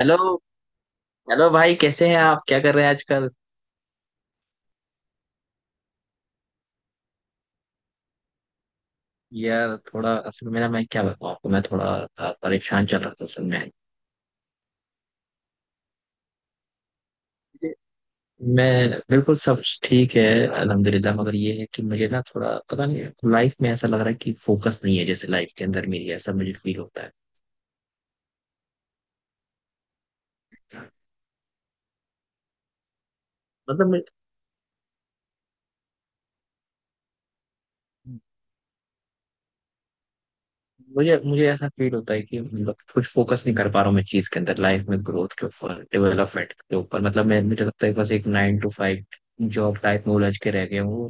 Hello. Hello भाई, कैसे हैं आप? क्या कर रहे हैं आजकल? यार, थोड़ा असल में ना, मैं क्या बताऊँ आपको, मैं थोड़ा परेशान चल रहा था असल में। मैं बिल्कुल, सब ठीक है। अल्हम्दुलिल्लाह। मगर ये है कि मुझे ना थोड़ा पता नहीं, लाइफ में ऐसा लग रहा है कि फोकस नहीं है, जैसे लाइफ के अंदर मेरी, ऐसा मुझे फील होता है। मतलब मुझे मुझे ऐसा फील होता है कि मतलब कुछ फोकस नहीं कर पा रहा हूँ मैं, चीज के अंदर, लाइफ में, ग्रोथ के ऊपर, डेवलपमेंट के ऊपर। मतलब मैं मुझे लगता है कि बस एक 9 to 5 जॉब टाइप में उलझ के रह गया हूँ।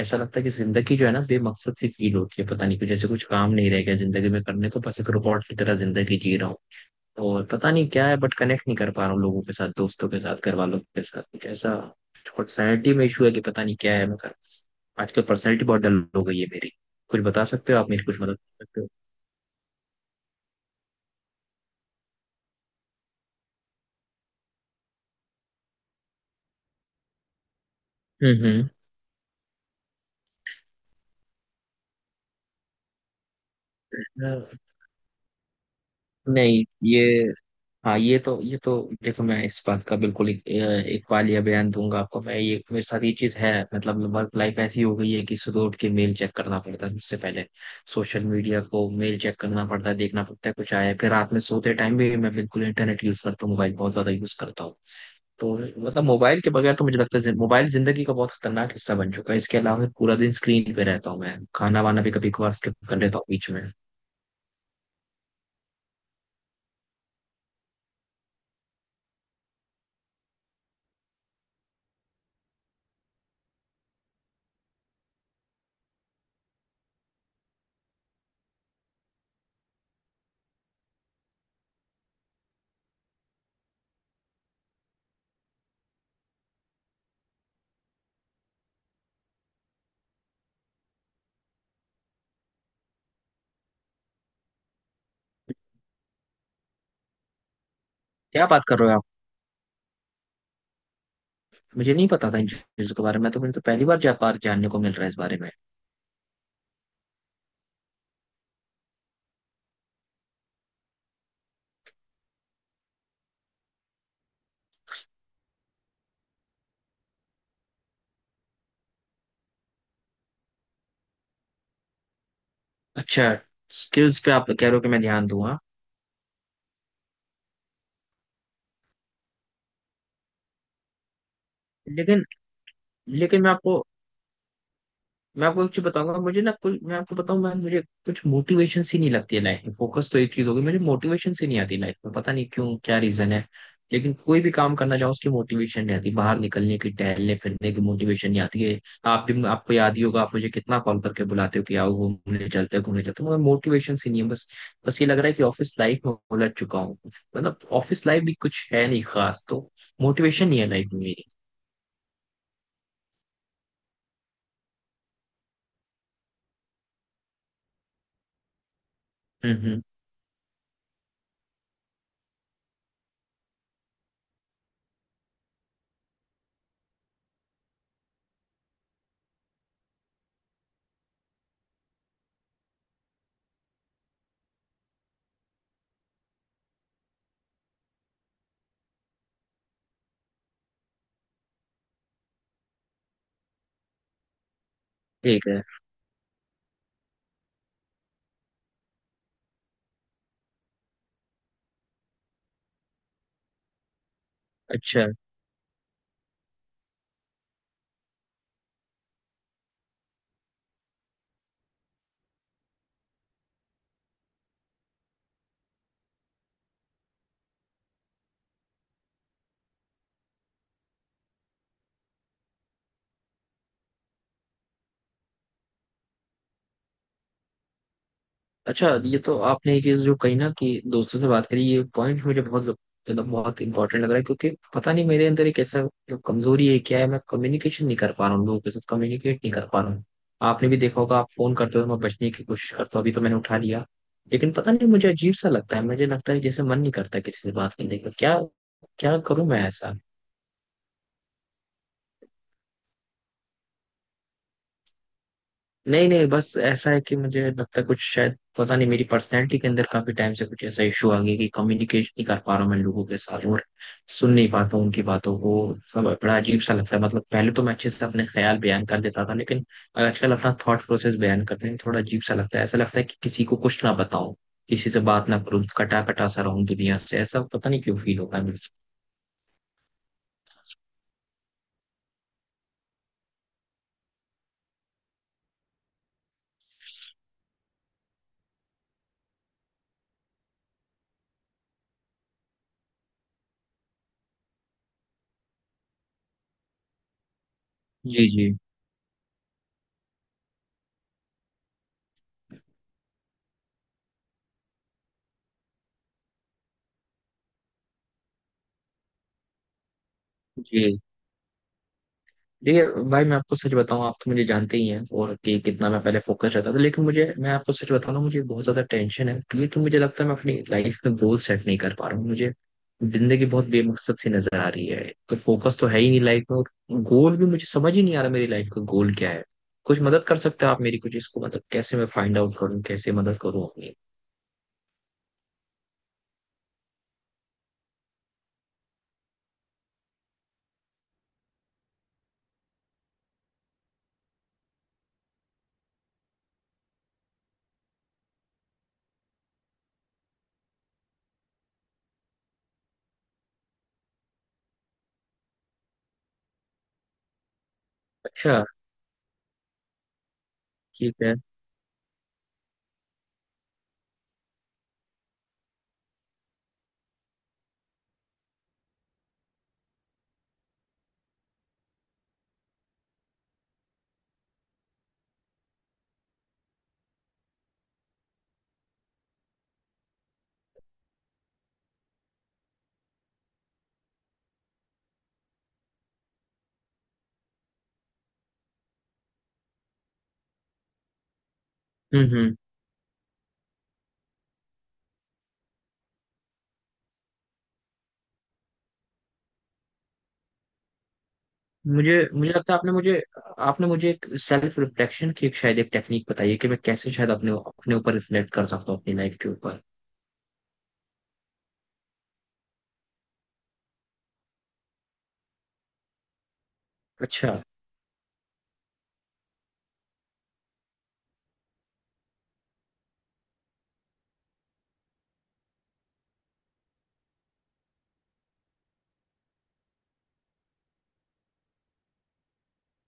ऐसा लगता है कि जिंदगी जो है ना, बेमकसद सी फील होती है। पता नहीं कुछ, जैसे कुछ काम नहीं रह गया जिंदगी में करने को, बस एक रोबोट की तरह जिंदगी जी रहा हूँ। और पता नहीं क्या है, बट कनेक्ट नहीं कर पा रहा हूँ लोगों के साथ, दोस्तों के साथ, घर वालों के साथ। कुछ ऐसा पर्सनैलिटी में इशू है कि पता नहीं क्या है। मैं कर आजकल पर्सनैलिटी बहुत डल हो गई है मेरी। कुछ बता सकते हो आप? मेरी कुछ मदद कर सकते हो? हम्म। नहीं, ये हाँ, ये तो देखो, मैं इस बात का बिल्कुल एक वालिया बयान दूंगा आपको। मैं ये मेरे साथ ये चीज है, मतलब वर्क लाइफ ऐसी हो गई है कि सुबह उठ के मेल चेक करना पड़ता है सबसे पहले, सोशल मीडिया को, मेल चेक करना पड़ता है, देखना पड़ता है कुछ आया है। फिर रात में सोते टाइम भी मैं बिल्कुल इंटरनेट यूज करता हूँ, मोबाइल बहुत ज्यादा यूज करता हूँ। तो मतलब मोबाइल के बगैर तो मुझे लगता है, मोबाइल जिंदगी का बहुत खतरनाक हिस्सा बन चुका है। इसके अलावा पूरा दिन स्क्रीन पे रहता हूँ मैं, खाना वाना भी कभी कभार स्किप कर लेता हूँ बीच में। क्या बात कर रहे हो आप! मुझे नहीं पता था इन चीज़ों के बारे में, तो मुझे तो पहली बार जापान जानने को मिल रहा है इस बारे में। अच्छा, स्किल्स पे आप कह रहे हो कि मैं ध्यान दूंगा? लेकिन लेकिन मैं आपको एक चीज बताऊंगा। मुझे ना कुछ, मैं आपको बताऊं, मैं मुझे कुछ मोटिवेशन सी नहीं लगती है लाइफ में। फोकस तो एक चीज होगी, मुझे मोटिवेशन सी नहीं आती लाइफ में, पता नहीं क्यों, क्या रीजन है। लेकिन कोई भी काम करना चाहो उसकी मोटिवेशन नहीं आती, बाहर निकलने की, टहलने फिरने की मोटिवेशन नहीं आती है। आप भी, आपको याद ही होगा, आप मुझे कितना कॉल करके बुलाते हो कि आओ घूमने चलते हो, घूमने चलते हो, मगर मोटिवेशन सी नहीं है बस बस ये लग रहा है कि ऑफिस लाइफ में उलझ चुका हूँ, मतलब ऑफिस लाइफ भी कुछ है नहीं खास, तो मोटिवेशन नहीं है लाइफ में मेरी। हम्म, हम्म। ठीक है। अच्छा, अच्छा, ये तो आपने ये चीज जो कही ना कि दोस्तों से बात करी, ये पॉइंट मुझे बहुत, मतलब बहुत इंपॉर्टेंट लग रहा है क्योंकि पता नहीं मेरे अंदर एक ऐसा, जो कमजोरी है क्या है, मैं कम्युनिकेशन नहीं कर पा रहा हूँ लोगों के साथ, कम्युनिकेट नहीं कर पा रहा हूँ। आपने भी देखा होगा, आप फोन करते हो मैं बचने की कोशिश करता हूँ, अभी तो मैंने उठा लिया, लेकिन पता नहीं मुझे अजीब सा लगता है, मुझे लगता है जैसे मन नहीं करता किसी से बात करने का क्या, क्या करूं मैं ऐसा? नहीं, नहीं, बस ऐसा है कि मुझे लगता है कुछ, शायद पता नहीं, मेरी पर्सनैलिटी के अंदर काफी टाइम से कुछ ऐसा इशू आ गया कि कम्युनिकेशन नहीं कर पा रहा हूँ मैं लोगों के साथ, और सुन नहीं पाता हूँ उनकी बातों को। सब बड़ा अजीब सा लगता है, मतलब पहले तो मैं अच्छे से अपने ख्याल बयान कर देता था, लेकिन आजकल अपना थॉट प्रोसेस बयान करने में थोड़ा अजीब सा लगता है, ऐसा लगता है कि किसी को कुछ ना बताऊं, किसी से बात ना करूं, कटा कटा सा रहूं दुनिया से, ऐसा पता नहीं क्यों फील होता है मुझे। जी, जी, जी। देखिए भाई, मैं आपको सच बताऊं, आप तो मुझे जानते ही हैं और कि कितना मैं पहले फोकस रहता था, लेकिन मुझे मैं आपको सच बताऊं ना, मुझे बहुत ज्यादा टेंशन है क्योंकि, तो मुझे लगता है मैं अपनी लाइफ में गोल सेट नहीं कर पा रहा हूँ, मुझे जिंदगी बहुत बेमकसद सी नजर आ रही है। कोई फोकस तो है ही नहीं लाइफ में, और गोल भी मुझे समझ ही नहीं आ रहा, मेरी लाइफ का गोल क्या है। कुछ मदद कर सकते हो आप मेरी, कुछ इसको, मतलब कैसे मैं फाइंड आउट करूँ, कैसे मदद करूँ अपनी? अच्छा। ठीक है। हम्म, हम्म। मुझे मुझे लगता है, आपने मुझे एक सेल्फ रिफ्लेक्शन की, एक शायद एक टेक्निक बताई है कि मैं कैसे शायद अपने, अपने ऊपर रिफ्लेक्ट कर सकता हूँ, अपनी लाइफ के ऊपर। अच्छा।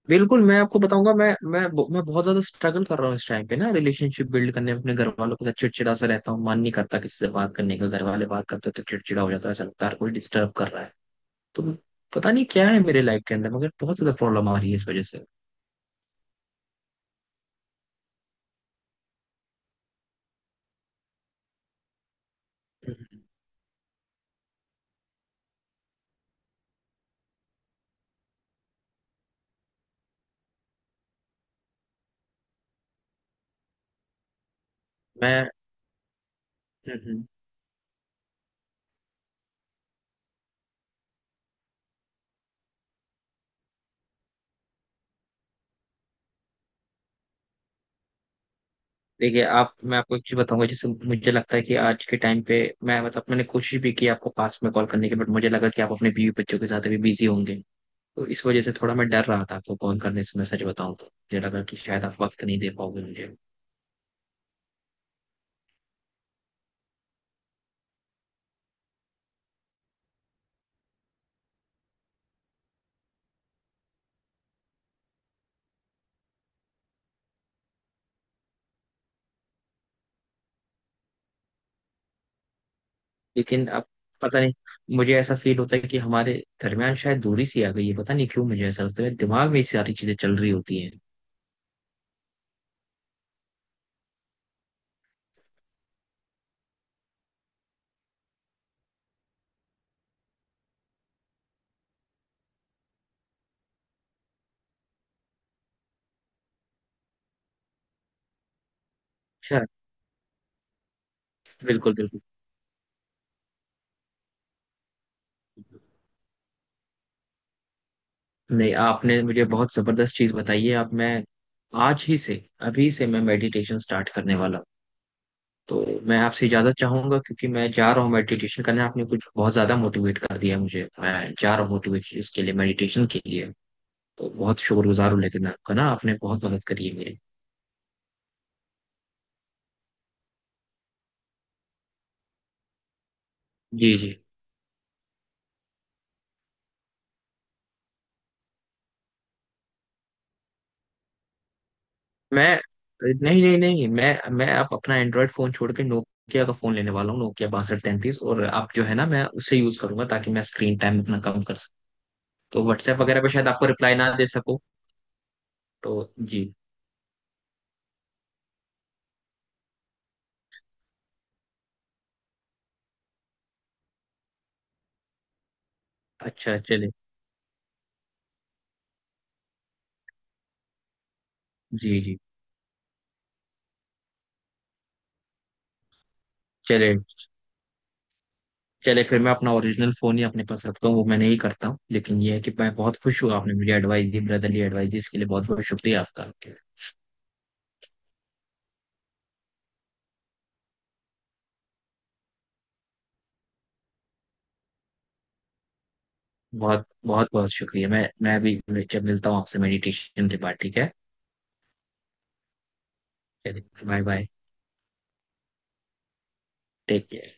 बिल्कुल, मैं आपको बताऊंगा, मैं मैं बहुत ज्यादा स्ट्रगल कर रहा हूँ इस टाइम पे ना, रिलेशनशिप बिल्ड करने में अपने घर वालों के साथ, चिड़चिड़ा सा रहता हूँ, मन नहीं करता किसी से बात करने का, घर वाले बात करते हैं तो चिड़चिड़ा हो जाता है, ऐसा लगता है हर कोई डिस्टर्ब कर रहा है, तो पता नहीं क्या है मेरे लाइफ के अंदर, मगर बहुत ज्यादा प्रॉब्लम आ रही है इस वजह से। हम्म। मैं हम्म, हम्म। देखिए आप, मैं आपको एक चीज बताऊंगा जैसे, मुझे लगता है कि आज के टाइम पे, मैं मतलब मैंने कोशिश भी की आपको पास में कॉल करने की, बट मुझे लगा कि आप अपने बीवी बच्चों के साथ अभी बिजी होंगे, तो इस वजह से थोड़ा मैं डर रहा था आपको कॉल करने से, मैं सच बताऊं तो मुझे लगा कि शायद आप वक्त नहीं दे पाओगे मुझे। लेकिन अब, पता नहीं, मुझे ऐसा फील होता है कि हमारे दरमियान शायद दूरी सी आ गई है, पता नहीं क्यों मुझे ऐसा लगता है, दिमाग में ये सारी चीजें चल रही होती हैं। अच्छा, बिल्कुल, बिल्कुल। नहीं, आपने मुझे बहुत जबरदस्त चीज बताई है, अब मैं आज ही से, अभी से मैं मेडिटेशन स्टार्ट करने वाला हूं। तो मैं आपसे इजाजत चाहूंगा क्योंकि मैं जा रहा हूँ मेडिटेशन करने, आपने कुछ बहुत ज्यादा मोटिवेट कर दिया मुझे, मैं जा रहा हूँ मोटिवेशन इसके लिए, मेडिटेशन के लिए। तो बहुत शुक्रगुजार हूँ लेकिन आपका ना, आपने बहुत मदद करी है मेरी। जी, जी। मैं नहीं, नहीं, नहीं, मैं मैं आप अपना एंड्रॉयड फोन छोड़ के नोकिया का फोन लेने वाला हूँ, नोकिया 6233, और आप जो है ना मैं उसे यूज करूंगा ताकि मैं स्क्रीन टाइम अपना कम कर सकूँ, तो व्हाट्सएप वगैरह पे शायद आपको रिप्लाई ना दे सकूँ। तो जी, अच्छा, चले। जी, जी, चले, चले, फिर मैं अपना ओरिजिनल फोन ही अपने पास रखता हूँ, वो मैं नहीं करता हूँ, लेकिन ये है कि मैं बहुत खुश हुआ, आपने मुझे एडवाइस दी, ब्रदरली एडवाइस दी, इसके लिए बहुत बहुत शुक्रिया आपका, आपके। बहुत बहुत बहुत शुक्रिया, मैं भी जब मिलता हूँ आपसे मेडिटेशन के बाद, ठीक है। चलिए, बाय बाय। Take care.